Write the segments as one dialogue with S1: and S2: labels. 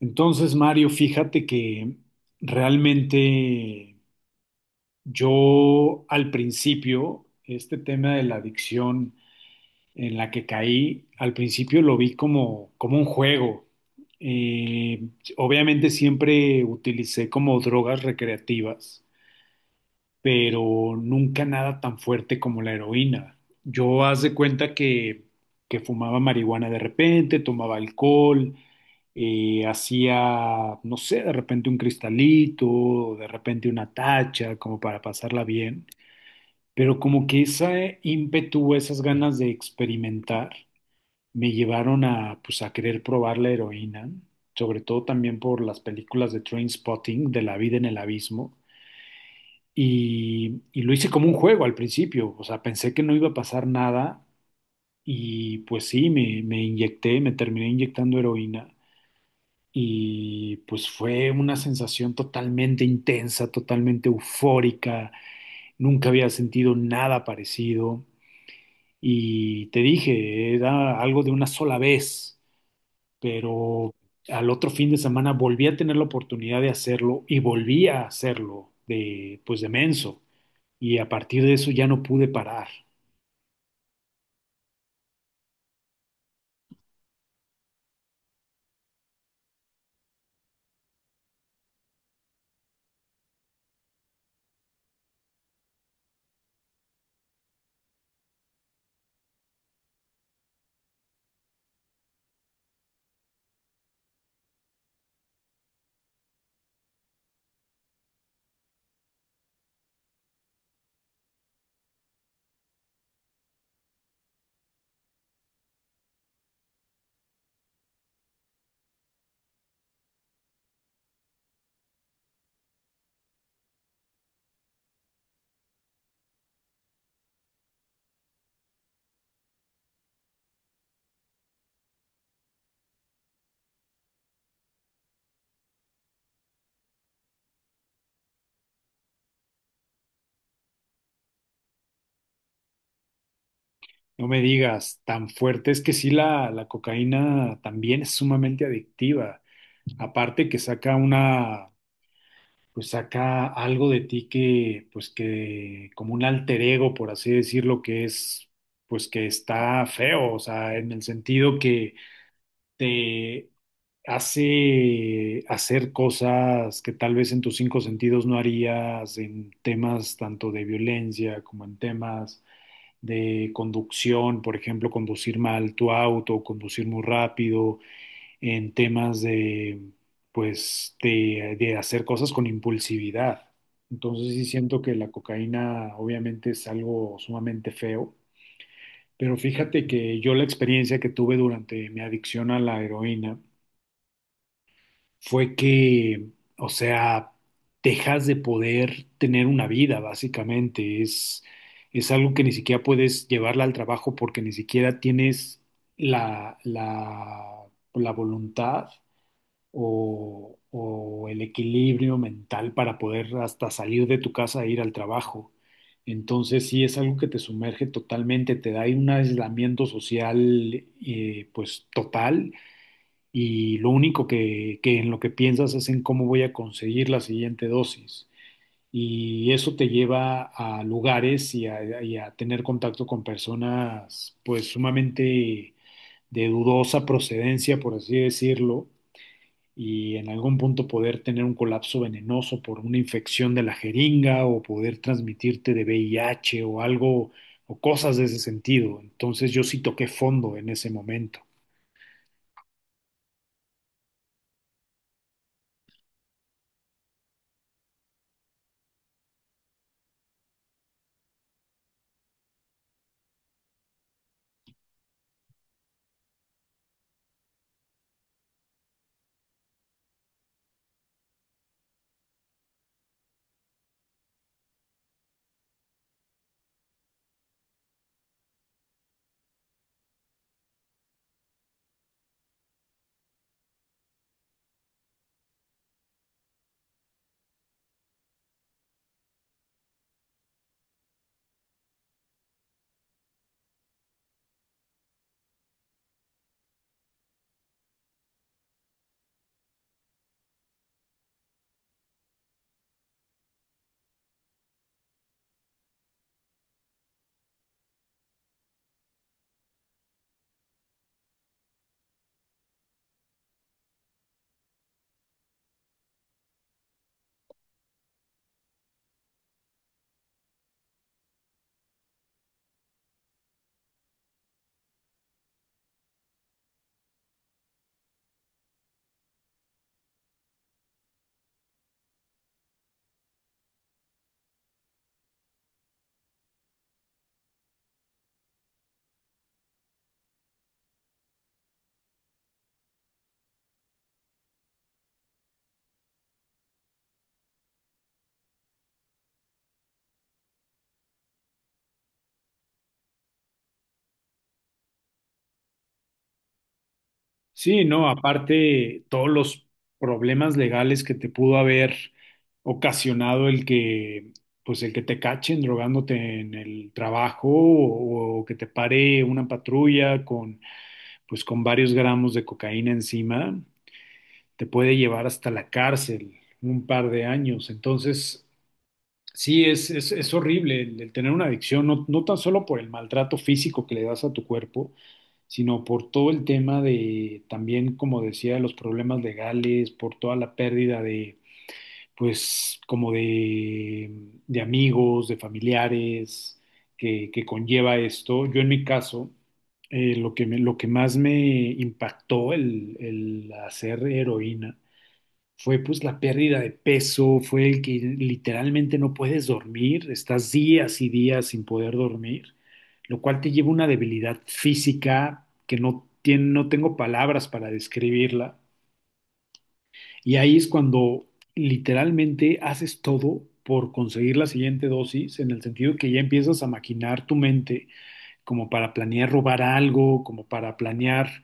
S1: Entonces, Mario, fíjate que realmente yo al principio, este tema de la adicción en la que caí, al principio lo vi como un juego. Eh, Obviamente siempre utilicé como drogas recreativas pero nunca nada tan fuerte como la heroína. Yo haz de cuenta que fumaba marihuana de repente, tomaba alcohol, hacía, no sé, de repente un cristalito, o de repente una tacha, como para pasarla bien. Pero como que ese ímpetu, esas ganas de experimentar, me llevaron a, pues, a querer probar la heroína, sobre todo también por las películas de Trainspotting, de la vida en el abismo y lo hice como un juego al principio, o sea, pensé que no iba a pasar nada y pues sí, me inyecté, me terminé inyectando heroína y pues fue una sensación totalmente intensa, totalmente eufórica, nunca había sentido nada parecido y te dije, era algo de una sola vez, pero al otro fin de semana volví a tener la oportunidad de hacerlo y volví a hacerlo de pues de menso. Y a partir de eso ya no pude parar. No me digas, tan fuerte, es que sí la cocaína también es sumamente adictiva. Aparte que saca una, pues saca algo de ti pues que, como un alter ego, por así decirlo, que es, pues que está feo, o sea, en el sentido que te hace hacer cosas que tal vez en tus cinco sentidos no harías, en temas tanto de violencia como en temas de conducción, por ejemplo, conducir mal tu auto, conducir muy rápido, en temas de, pues, de hacer cosas con impulsividad. Entonces sí siento que la cocaína obviamente es algo sumamente feo, pero fíjate que yo la experiencia que tuve durante mi adicción a la heroína, fue que, o sea, dejas de poder tener una vida, básicamente. Es algo que ni siquiera puedes llevarla al trabajo porque ni siquiera tienes la, la, la voluntad o el equilibrio mental para poder hasta salir de tu casa e ir al trabajo. Entonces sí es algo que te sumerge totalmente, te da ahí un aislamiento social pues total y lo único que en lo que piensas es en cómo voy a conseguir la siguiente dosis. Y eso te lleva a lugares y y a tener contacto con personas pues sumamente de dudosa procedencia, por así decirlo, y en algún punto poder tener un colapso venenoso por una infección de la jeringa o poder transmitirte de VIH o algo o cosas de ese sentido. Entonces yo sí toqué fondo en ese momento. Sí, no, aparte todos los problemas legales que te pudo haber ocasionado el pues el que te cachen drogándote en el trabajo o que te pare una patrulla con, pues con varios gramos de cocaína encima, te puede llevar hasta la cárcel un par de años. Entonces, sí, es horrible el tener una adicción, no, no tan solo por el maltrato físico que le das a tu cuerpo, sino por todo el tema de también, como decía, los problemas legales, por toda la pérdida de, pues, como de amigos, de familiares que conlleva esto. Yo en mi caso, lo que más me impactó el hacer heroína fue pues la pérdida de peso, fue el que literalmente no puedes dormir, estás días y días sin poder dormir, lo cual te lleva a una debilidad física que no tiene, no tengo palabras para describirla. Y ahí es cuando literalmente haces todo por conseguir la siguiente dosis, en el sentido que ya empiezas a maquinar tu mente como para planear robar algo, como para planear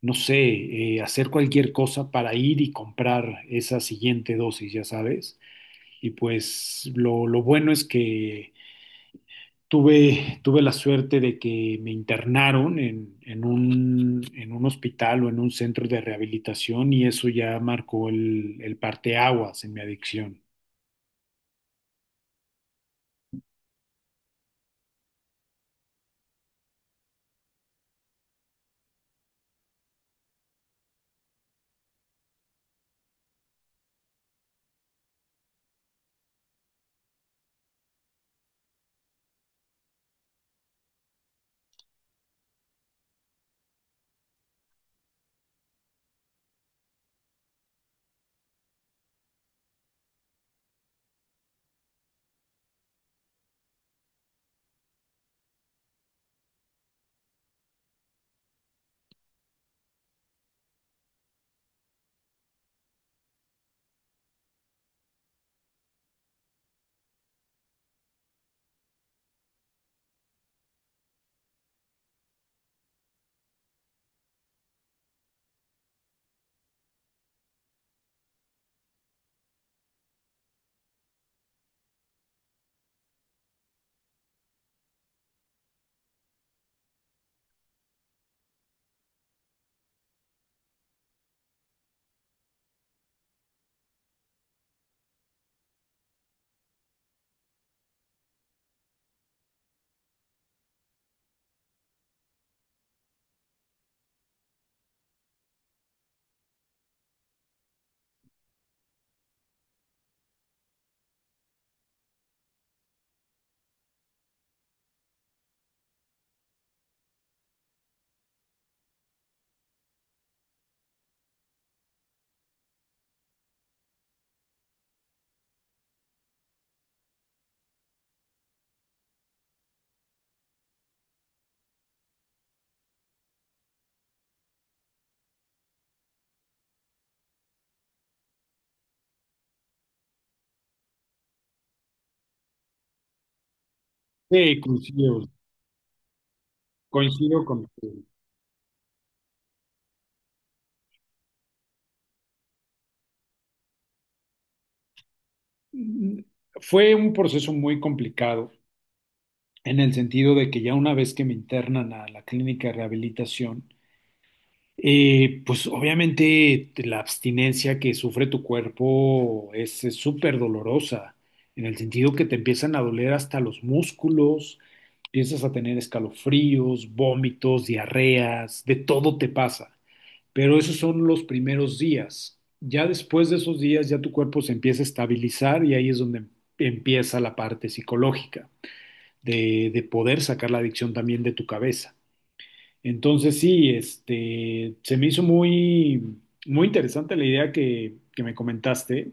S1: no sé, hacer cualquier cosa para ir y comprar esa siguiente dosis, ya sabes. Y pues lo bueno es que tuve la suerte de que me internaron en un hospital o en un centro de rehabilitación y eso ya marcó el parteaguas en mi adicción. Sí, coincido, coincido con... Fue un proceso muy complicado en el sentido de que ya una vez que me internan a la clínica de rehabilitación, pues obviamente la abstinencia que sufre tu cuerpo es súper dolorosa, en el sentido que te empiezan a doler hasta los músculos, empiezas a tener escalofríos, vómitos, diarreas, de todo te pasa. Pero esos son los primeros días. Ya después de esos días ya tu cuerpo se empieza a estabilizar y ahí es donde empieza la parte psicológica de poder sacar la adicción también de tu cabeza. Entonces sí, este, se me hizo muy, muy interesante la idea que me comentaste,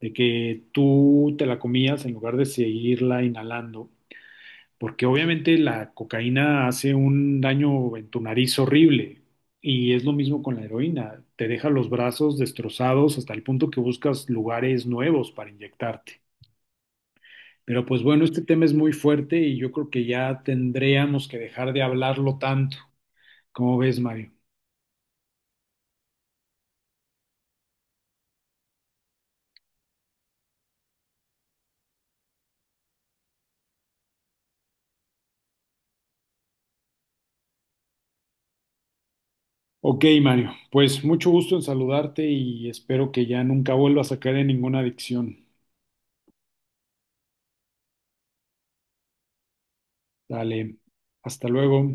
S1: de que tú te la comías en lugar de seguirla inhalando, porque obviamente la cocaína hace un daño en tu nariz horrible y es lo mismo con la heroína, te deja los brazos destrozados hasta el punto que buscas lugares nuevos para inyectarte. Pero pues bueno, este tema es muy fuerte y yo creo que ya tendríamos que dejar de hablarlo tanto. ¿Cómo ves, Mario? Ok, Mario, pues mucho gusto en saludarte y espero que ya nunca vuelvas a caer en ninguna adicción. Dale, hasta luego.